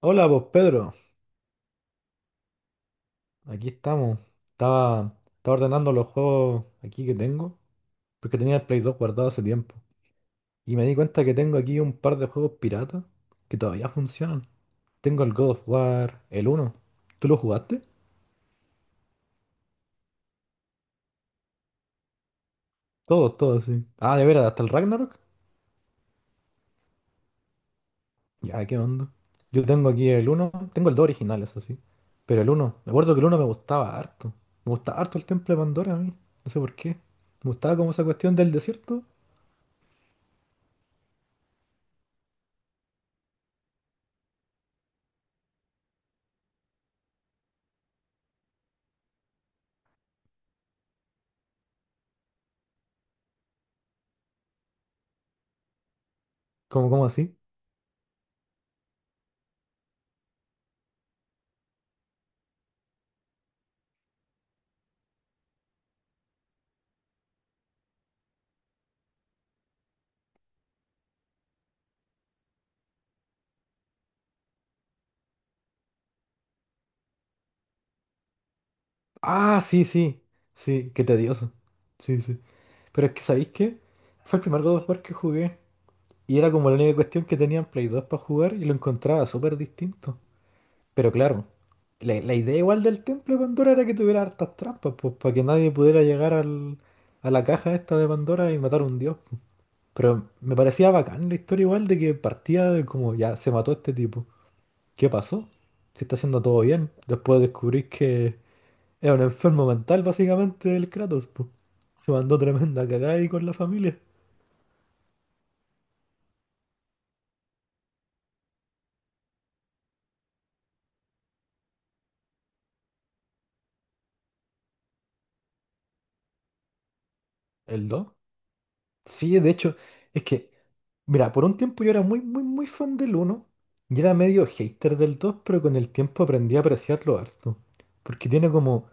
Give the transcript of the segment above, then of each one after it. Hola, pues Pedro, aquí estamos. Estaba ordenando los juegos aquí que tengo, porque tenía el Play 2 guardado hace tiempo. Y me di cuenta que tengo aquí un par de juegos piratas que todavía funcionan. Tengo el God of War, el uno. ¿Tú lo jugaste? Todos, todos, sí. Ah, de veras, hasta el Ragnarok. Ya, qué onda. Yo tengo aquí el uno, tengo el 2 original, eso sí. Pero el uno, me acuerdo que el uno me gustaba harto. Me gustaba harto el Templo de Pandora a mí. No sé por qué. Me gustaba como esa cuestión del desierto. Como, como así. Ah, sí, sí. Sí, qué tedioso. Sí, sí. Pero es que, ¿sabéis qué? Fue el primer God of War que jugué. Y era como la única cuestión que tenía en Play dos para jugar y lo encontraba súper distinto. Pero claro, la idea igual del Templo de Pandora era que tuviera hartas trampas, pues para que nadie pudiera llegar al, a la caja esta de Pandora y matar a un dios. Pero me parecía bacán la historia igual de que partía de como ya se mató este tipo. ¿Qué pasó? Se está haciendo todo bien. Después descubrís que es un enfermo mental, básicamente, el Kratos, po. Se mandó tremenda cagada ahí con la familia. ¿El dos? Sí, de hecho, es que, mira, por un tiempo yo era muy, muy, muy fan del uno y era medio hater del 2 pero con el tiempo aprendí a apreciarlo harto. Porque tiene como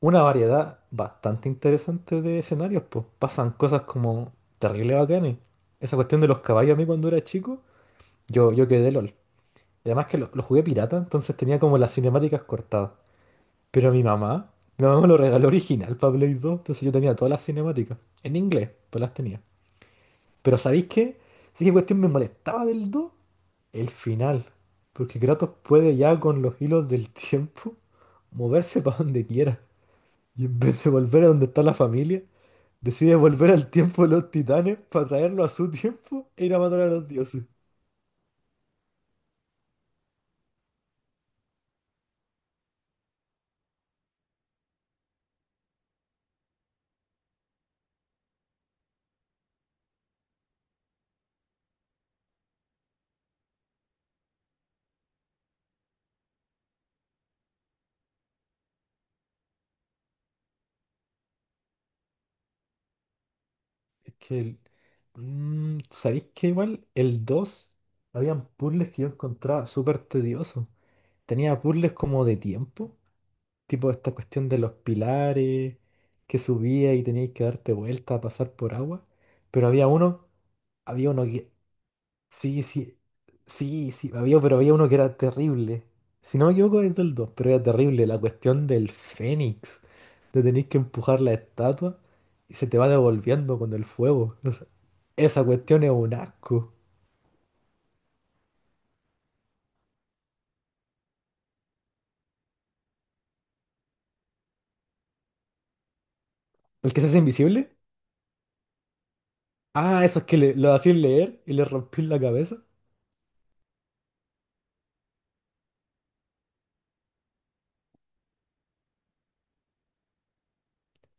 una variedad bastante interesante de escenarios, pues pasan cosas como terribles bacanes. Esa cuestión de los caballos a mí cuando era chico, yo quedé LOL. Y Además que lo jugué pirata, entonces tenía como las cinemáticas cortadas. Pero mi mamá me lo regaló original para Play 2, entonces yo tenía todas las cinemáticas, en inglés, pues las tenía. Pero ¿sabéis qué? Sí que cuestión me molestaba del 2 el final. Porque Kratos puede ya con los hilos del tiempo moverse para donde quiera. Y en vez de volver a donde está la familia, decide volver al tiempo de los titanes para traerlo a su tiempo e ir a matar a los dioses. Es que el- ¿Sabéis qué? Igual el 2 habían puzzles que yo encontraba súper tediosos. Tenía puzzles como de tiempo, tipo esta cuestión de los pilares que subía y tenías que darte vuelta a pasar por agua. Pero había uno que. Sí, sí, sí, sí, había, pero había uno que era terrible. Si no me equivoco, es del 2 pero era terrible. La cuestión del Fénix, de tenéis que empujar la estatua y se te va devolviendo con el fuego. No sé, esa cuestión es un asco. ¿El que se hace invisible? Ah, esos que le, lo hacían leer y le rompí la cabeza.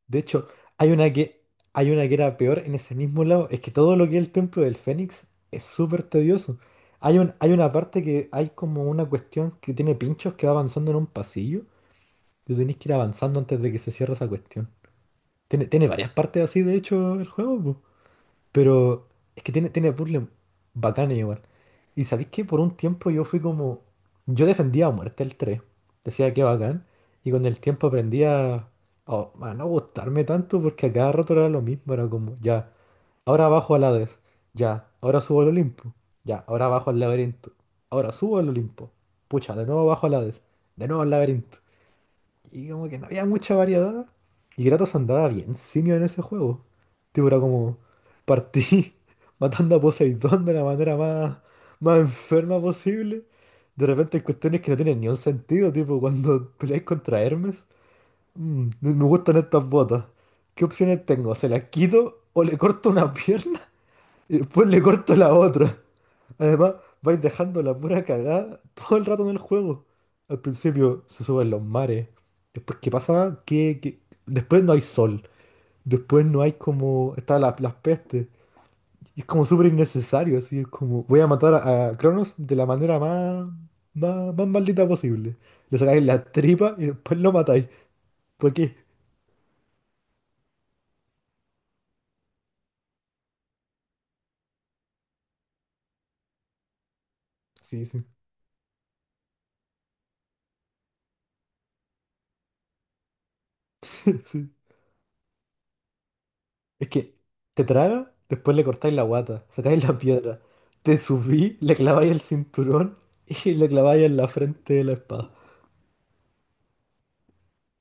De hecho, hay una que, hay una que era peor en ese mismo lado. Es que todo lo que es el templo del Fénix es súper tedioso. Hay una parte que hay como una cuestión que tiene pinchos que va avanzando en un pasillo. Tú tenés que ir avanzando antes de que se cierre esa cuestión. Tiene varias partes así, de hecho, el juego, po. Pero es que tiene puzzles bacanes igual. Y sabéis que por un tiempo yo fui como. Yo defendía a muerte el 3 decía que bacán. Y con el tiempo aprendí a no gustarme tanto porque a cada rato era lo mismo. Era como, ya, ahora bajo al Hades. Ya, ahora subo al Olimpo. Ya, ahora bajo al laberinto. Ahora subo al Olimpo. Pucha, de nuevo bajo al Hades. De nuevo al laberinto. Y como que no había mucha variedad. Y Kratos andaba bien simio en ese juego. Tipo, era como partí matando a Poseidón de la manera más, más enferma posible. De repente hay cuestiones que no tienen ni un sentido, tipo cuando peleáis contra Hermes. "Mm, me gustan estas botas. ¿Qué opciones tengo? ¿Se las quito o le corto una pierna y después le corto la otra? Además, vais dejando la pura cagada todo el rato en el juego. Al principio se suben los mares. Después, ¿qué pasa? Después no hay sol. Después no hay como... Está la, las pestes. Y es como súper innecesario. Así es como... Voy a matar a, Cronos de la manera más maldita posible. Le sacáis la tripa y después lo matáis. ¿Por qué? Sí, sí. Sí. Es que te traga, después le cortáis la guata, sacáis la piedra, te subí, le claváis el cinturón y le claváis en la frente de la espada.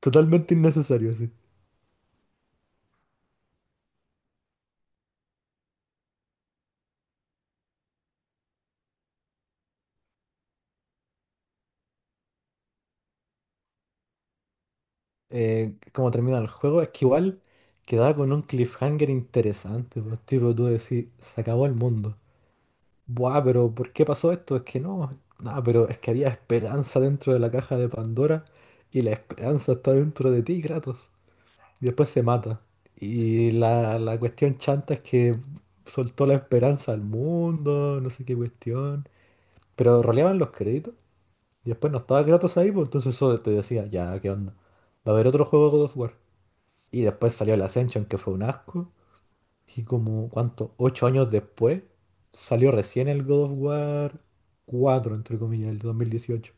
Totalmente innecesario, sí. Como termina el juego, es que igual quedaba con un cliffhanger interesante, pues, tipo tú decís, se acabó el mundo. Buah, pero ¿por qué pasó esto? Es que no, nada, pero es que había esperanza dentro de la caja de Pandora y la esperanza está dentro de ti, Kratos. Y después se mata. Y la cuestión chanta es que soltó la esperanza al mundo, no sé qué cuestión. Pero roleaban los créditos y después no estaba Kratos ahí, pues entonces eso te decía, ya, ¿qué onda? Va a haber otro juego de God of War. Y después salió el Ascension, que fue un asco. Y como, ¿cuánto? 8 años después salió recién el God of War 4 entre comillas, el 2018.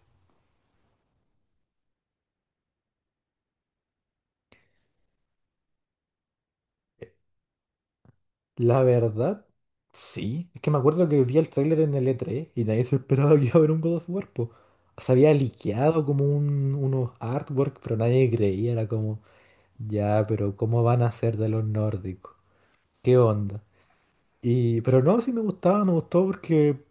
La verdad, sí. Es que me acuerdo que vi el tráiler en el E3 y nadie se esperaba que iba a haber un God of War, po. Se había liqueado como unos artwork, pero nadie creía. Era como, ya, pero ¿cómo van a hacer de los nórdicos? ¿Qué onda? Y, pero no, sí me gustaba, me gustó porque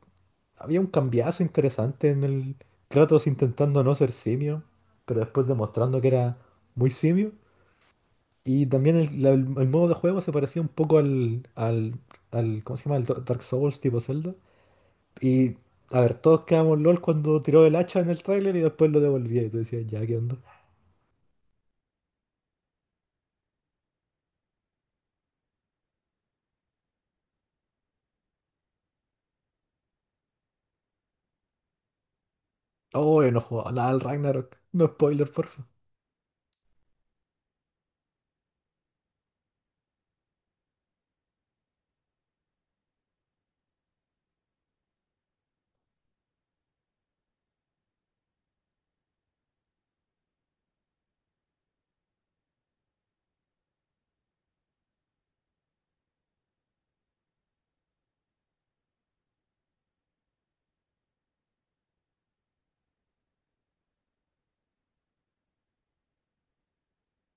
había un cambiazo interesante en el Kratos intentando no ser simio, pero después demostrando que era muy simio. Y también el modo de juego se parecía un poco al, al ¿cómo se llama? El Dark Souls tipo Zelda. Y, a ver, todos quedamos LOL cuando tiró el hacha en el tráiler y después lo devolvía. Y tú decías, ya, ¿qué onda? Oh, yo no jugaba nada al Ragnarok. No spoiler, porfa.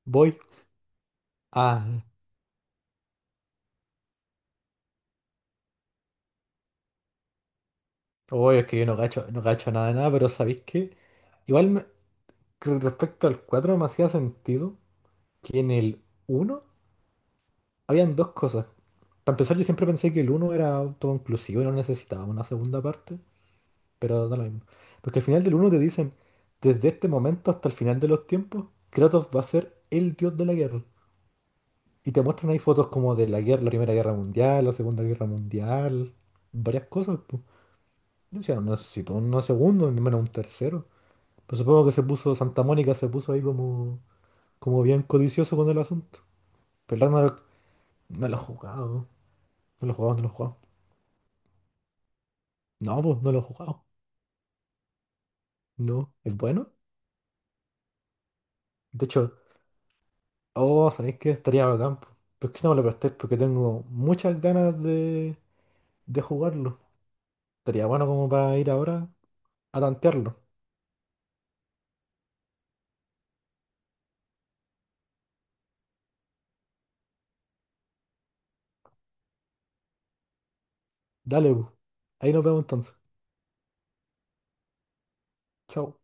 Voy. Ah, oh, es que yo no gacho, no gacho nada de nada, pero ¿sabéis qué? Igual me- con respecto al 4 me hacía sentido que en el uno habían dos cosas. Para empezar, yo siempre pensé que el uno era autoconclusivo y no necesitaba una segunda parte. Pero da lo mismo. Porque al final del uno te dicen, desde este momento hasta el final de los tiempos, Kratos va a ser el dios de la guerra. Y te muestran ahí fotos como de la guerra, la Primera Guerra Mundial, la Segunda Guerra Mundial, varias cosas, pues. O sea no necesito un segundo, ni menos un tercero. Pero supongo que se puso, Santa Mónica se puso ahí como, como bien codicioso con el asunto. Pero Ragnarok no lo he jugado, no lo he jugado, no lo he jugado. No, pues no lo he jugado. No, es bueno. De hecho, oh, ¿sabéis qué? Estaría bacán, po. Pero es que no me lo prestéis porque tengo muchas ganas de, jugarlo. Estaría bueno como para ir ahora a tantearlo. Dale, po. Ahí nos vemos entonces. Chao.